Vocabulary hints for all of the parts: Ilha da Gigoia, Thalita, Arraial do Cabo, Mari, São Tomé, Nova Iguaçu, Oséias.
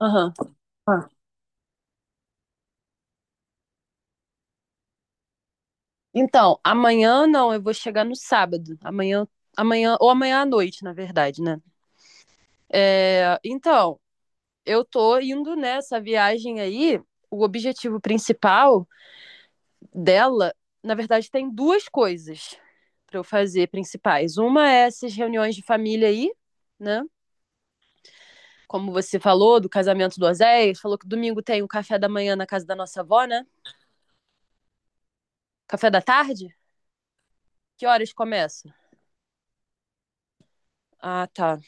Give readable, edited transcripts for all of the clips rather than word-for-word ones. Aham. Ah. Então, amanhã não, eu vou chegar no sábado. Amanhã, amanhã, ou amanhã à noite, na verdade, né? É, então, eu tô indo nessa viagem aí. O objetivo principal dela, na verdade, tem duas coisas para eu fazer principais. Uma é essas reuniões de família aí, né? Como você falou, do casamento do Oséias, falou que domingo tem o café da manhã na casa da nossa avó, né? Café da tarde? Que horas começa? Ah, tá.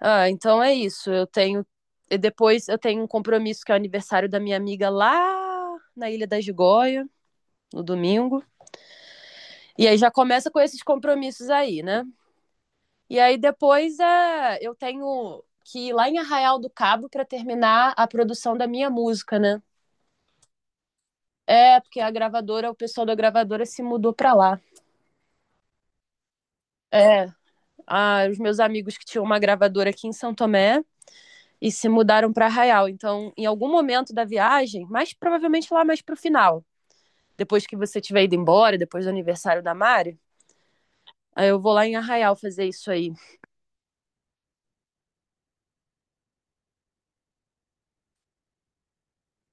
Ah, então é isso. Eu tenho. E depois eu tenho um compromisso que é o aniversário da minha amiga lá na Ilha da Gigoia, no domingo. E aí já começa com esses compromissos aí, né? E aí depois eu tenho que ir lá em Arraial do Cabo para terminar a produção da minha música, né? É, porque a gravadora, o pessoal da gravadora se mudou para lá. É, ah, os meus amigos que tinham uma gravadora aqui em São Tomé e se mudaram para Arraial. Então, em algum momento da viagem, mas provavelmente lá mais pro final, depois que você tiver ido embora, depois do aniversário da Mari, aí eu vou lá em Arraial fazer isso aí.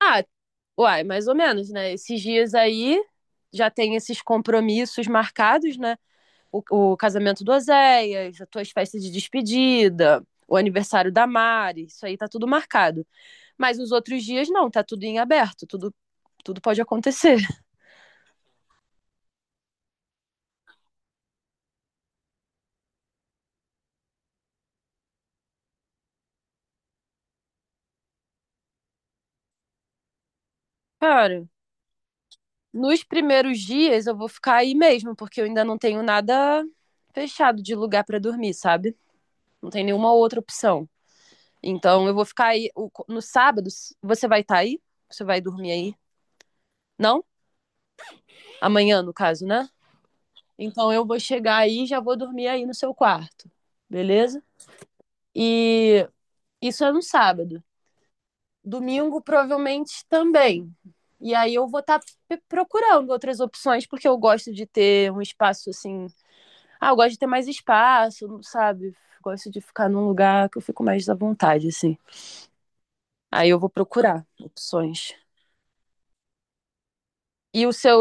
Ah, uai, mais ou menos, né? Esses dias aí já tem esses compromissos marcados, né? O casamento do Oséias, as tuas festas de despedida, o aniversário da Mari, isso aí tá tudo marcado. Mas os outros dias não, tá tudo em aberto, tudo, tudo pode acontecer. Cara, nos primeiros dias eu vou ficar aí mesmo, porque eu ainda não tenho nada fechado de lugar para dormir, sabe? Não tem nenhuma outra opção. Então eu vou ficar aí. No sábado, você vai estar aí? Você vai dormir aí? Não? Amanhã, no caso, né? Então eu vou chegar aí e já vou dormir aí no seu quarto. Beleza? E isso é no sábado. Domingo, provavelmente também. E aí eu vou estar procurando outras opções, porque eu gosto de ter um espaço assim. Ah, eu gosto de ter mais espaço, sabe? Gosto de ficar num lugar que eu fico mais à vontade, assim. Aí eu vou procurar opções. E o seu.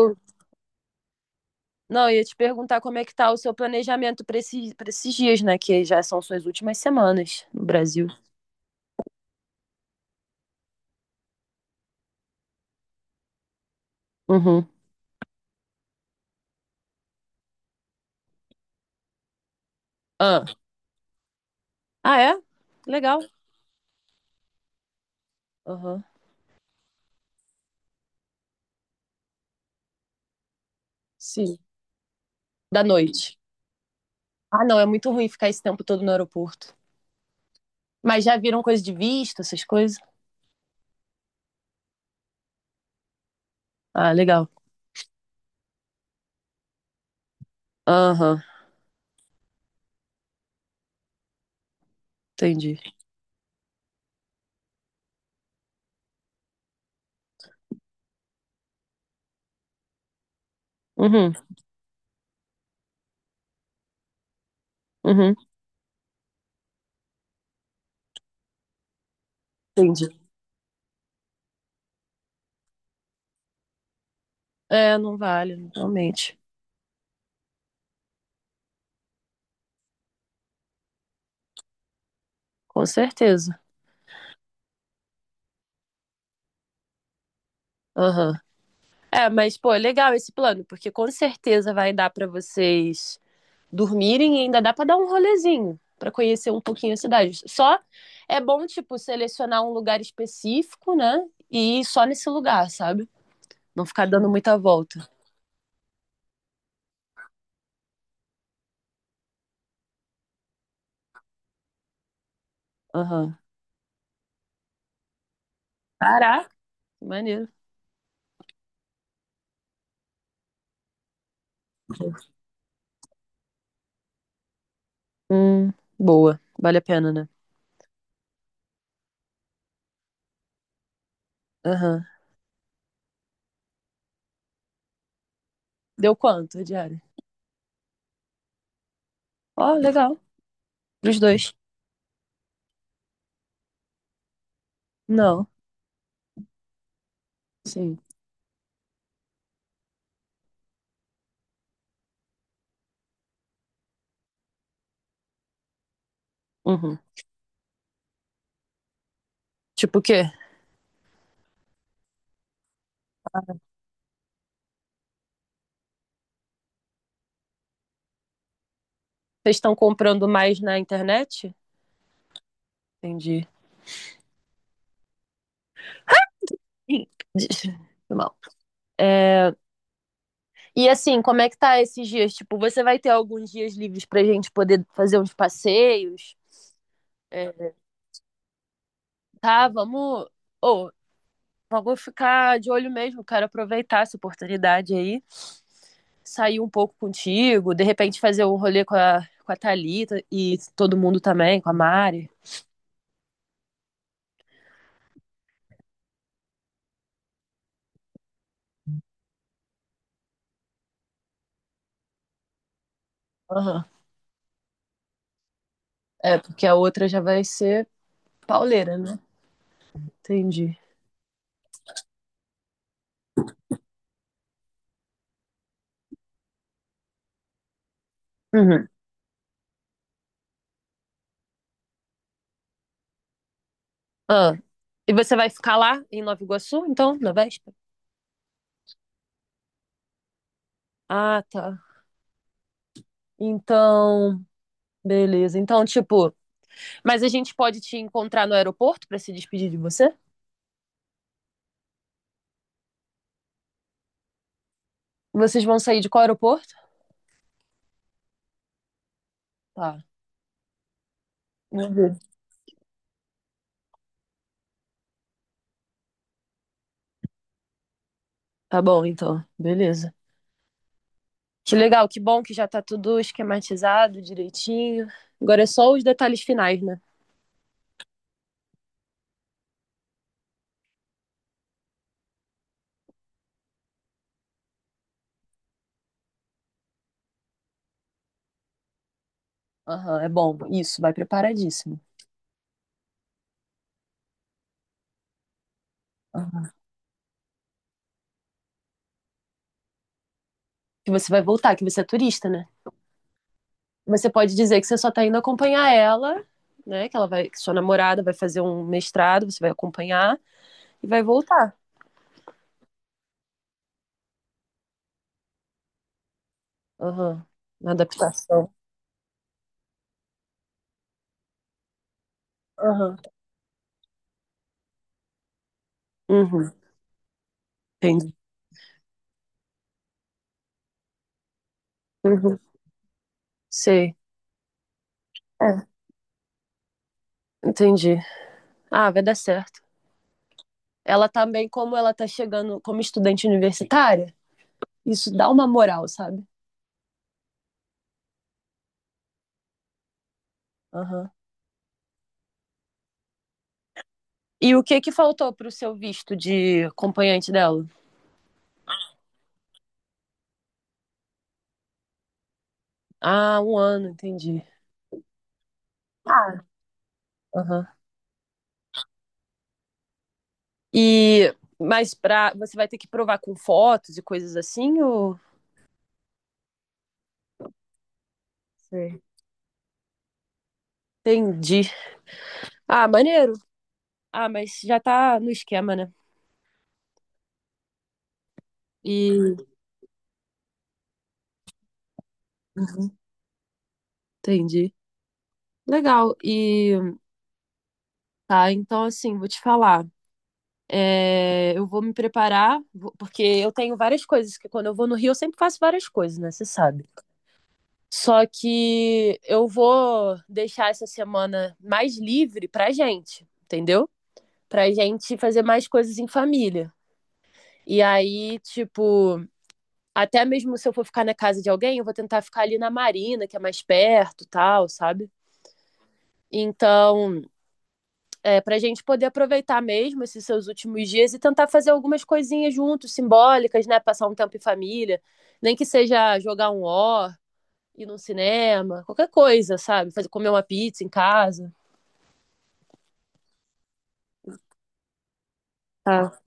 Não, eu ia te perguntar como é que tá o seu planejamento para para esses dias, né? Que já são suas últimas semanas no Brasil. Uhum. Ah, ah é? Legal. Aham. Sim. Da noite. Ah, não, é muito ruim ficar esse tempo todo no aeroporto. Mas já viram coisa de visto, essas coisas? Ah, legal. Aham, entendi. Uhum, uhum, entendi. É, não vale, realmente. Com certeza. Aham. É, mas, pô, é legal esse plano, porque com certeza vai dar pra vocês dormirem e ainda dá para dar um rolezinho, para conhecer um pouquinho a cidade. Só é bom, tipo, selecionar um lugar específico, né? E ir só nesse lugar, sabe? Não ficar dando muita volta. Aham. Caraca, maneiro. Hum, boa. Vale a pena, né? Aham. Deu quanto a diária? Ó, legal. Pros dois. Não. Sim. Uhum. Tipo o quê? Vocês estão comprando mais na internet? Entendi. Ih, Foi mal. É, e assim, como é que tá esses dias? Tipo, você vai ter alguns dias livres pra gente poder fazer uns passeios? É, tá, vamos. Ô, vamos ficar de olho mesmo, quero aproveitar essa oportunidade aí, sair um pouco contigo, de repente fazer um rolê com a Thalita e todo mundo também, com a Mari. Aham. É, porque a outra já vai ser pauleira, né? Entendi. Uhum. Ah, e você vai ficar lá em Nova Iguaçu, então, na véspera? Ah, tá. Então, beleza. Então, tipo, mas a gente pode te encontrar no aeroporto pra se despedir de você? Vocês vão sair de qual aeroporto? Tá. Meu. Tá bom, então. Beleza. Que legal, que bom que já tá tudo esquematizado direitinho. Agora é só os detalhes finais, né? Aham, é bom. Isso, vai preparadíssimo. Aham. Que você vai voltar, que você é turista, né? Você pode dizer que você só tá indo acompanhar ela, né? Que ela vai, que sua namorada vai fazer um mestrado, você vai acompanhar e vai voltar. Aham. Na adaptação. Aham. Uhum. Entendi. Uhum. Sei. É. Entendi. Ah, vai dar certo. Ela também, como ela tá chegando como estudante universitária, isso dá uma moral, sabe? Aham. E o que que faltou pro seu visto de acompanhante dela? Ah, um ano, entendi. Ah, aham. E, mas pra, você vai ter que provar com fotos e coisas assim, ou... sei. Entendi. Ah, maneiro. Ah, mas já tá no esquema, né? E. Uhum, entendi. Legal. E tá, então assim, vou te falar. É, eu vou me preparar, porque eu tenho várias coisas, que quando eu vou no Rio eu sempre faço várias coisas, né? Você sabe. Só que eu vou deixar essa semana mais livre pra gente, entendeu? Pra gente fazer mais coisas em família. E aí, tipo, até mesmo se eu for ficar na casa de alguém, eu vou tentar ficar ali na Marina, que é mais perto, tal, sabe? Então, é, para a gente poder aproveitar mesmo esses seus últimos dias e tentar fazer algumas coisinhas juntos, simbólicas, né? Passar um tempo em família, nem que seja jogar um ó, ir no cinema, qualquer coisa, sabe? Fazer, comer uma pizza em casa. Tá.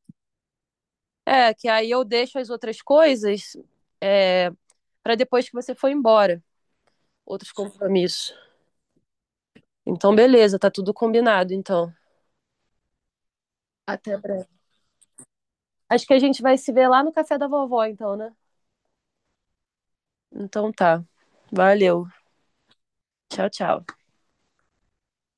É, que aí eu deixo as outras coisas é, para depois que você for embora, outros compromissos. Então, beleza, tá tudo combinado, então. Até breve. Acho que a gente vai se ver lá no café da vovó, então, né? Então tá. Valeu. Tchau, tchau.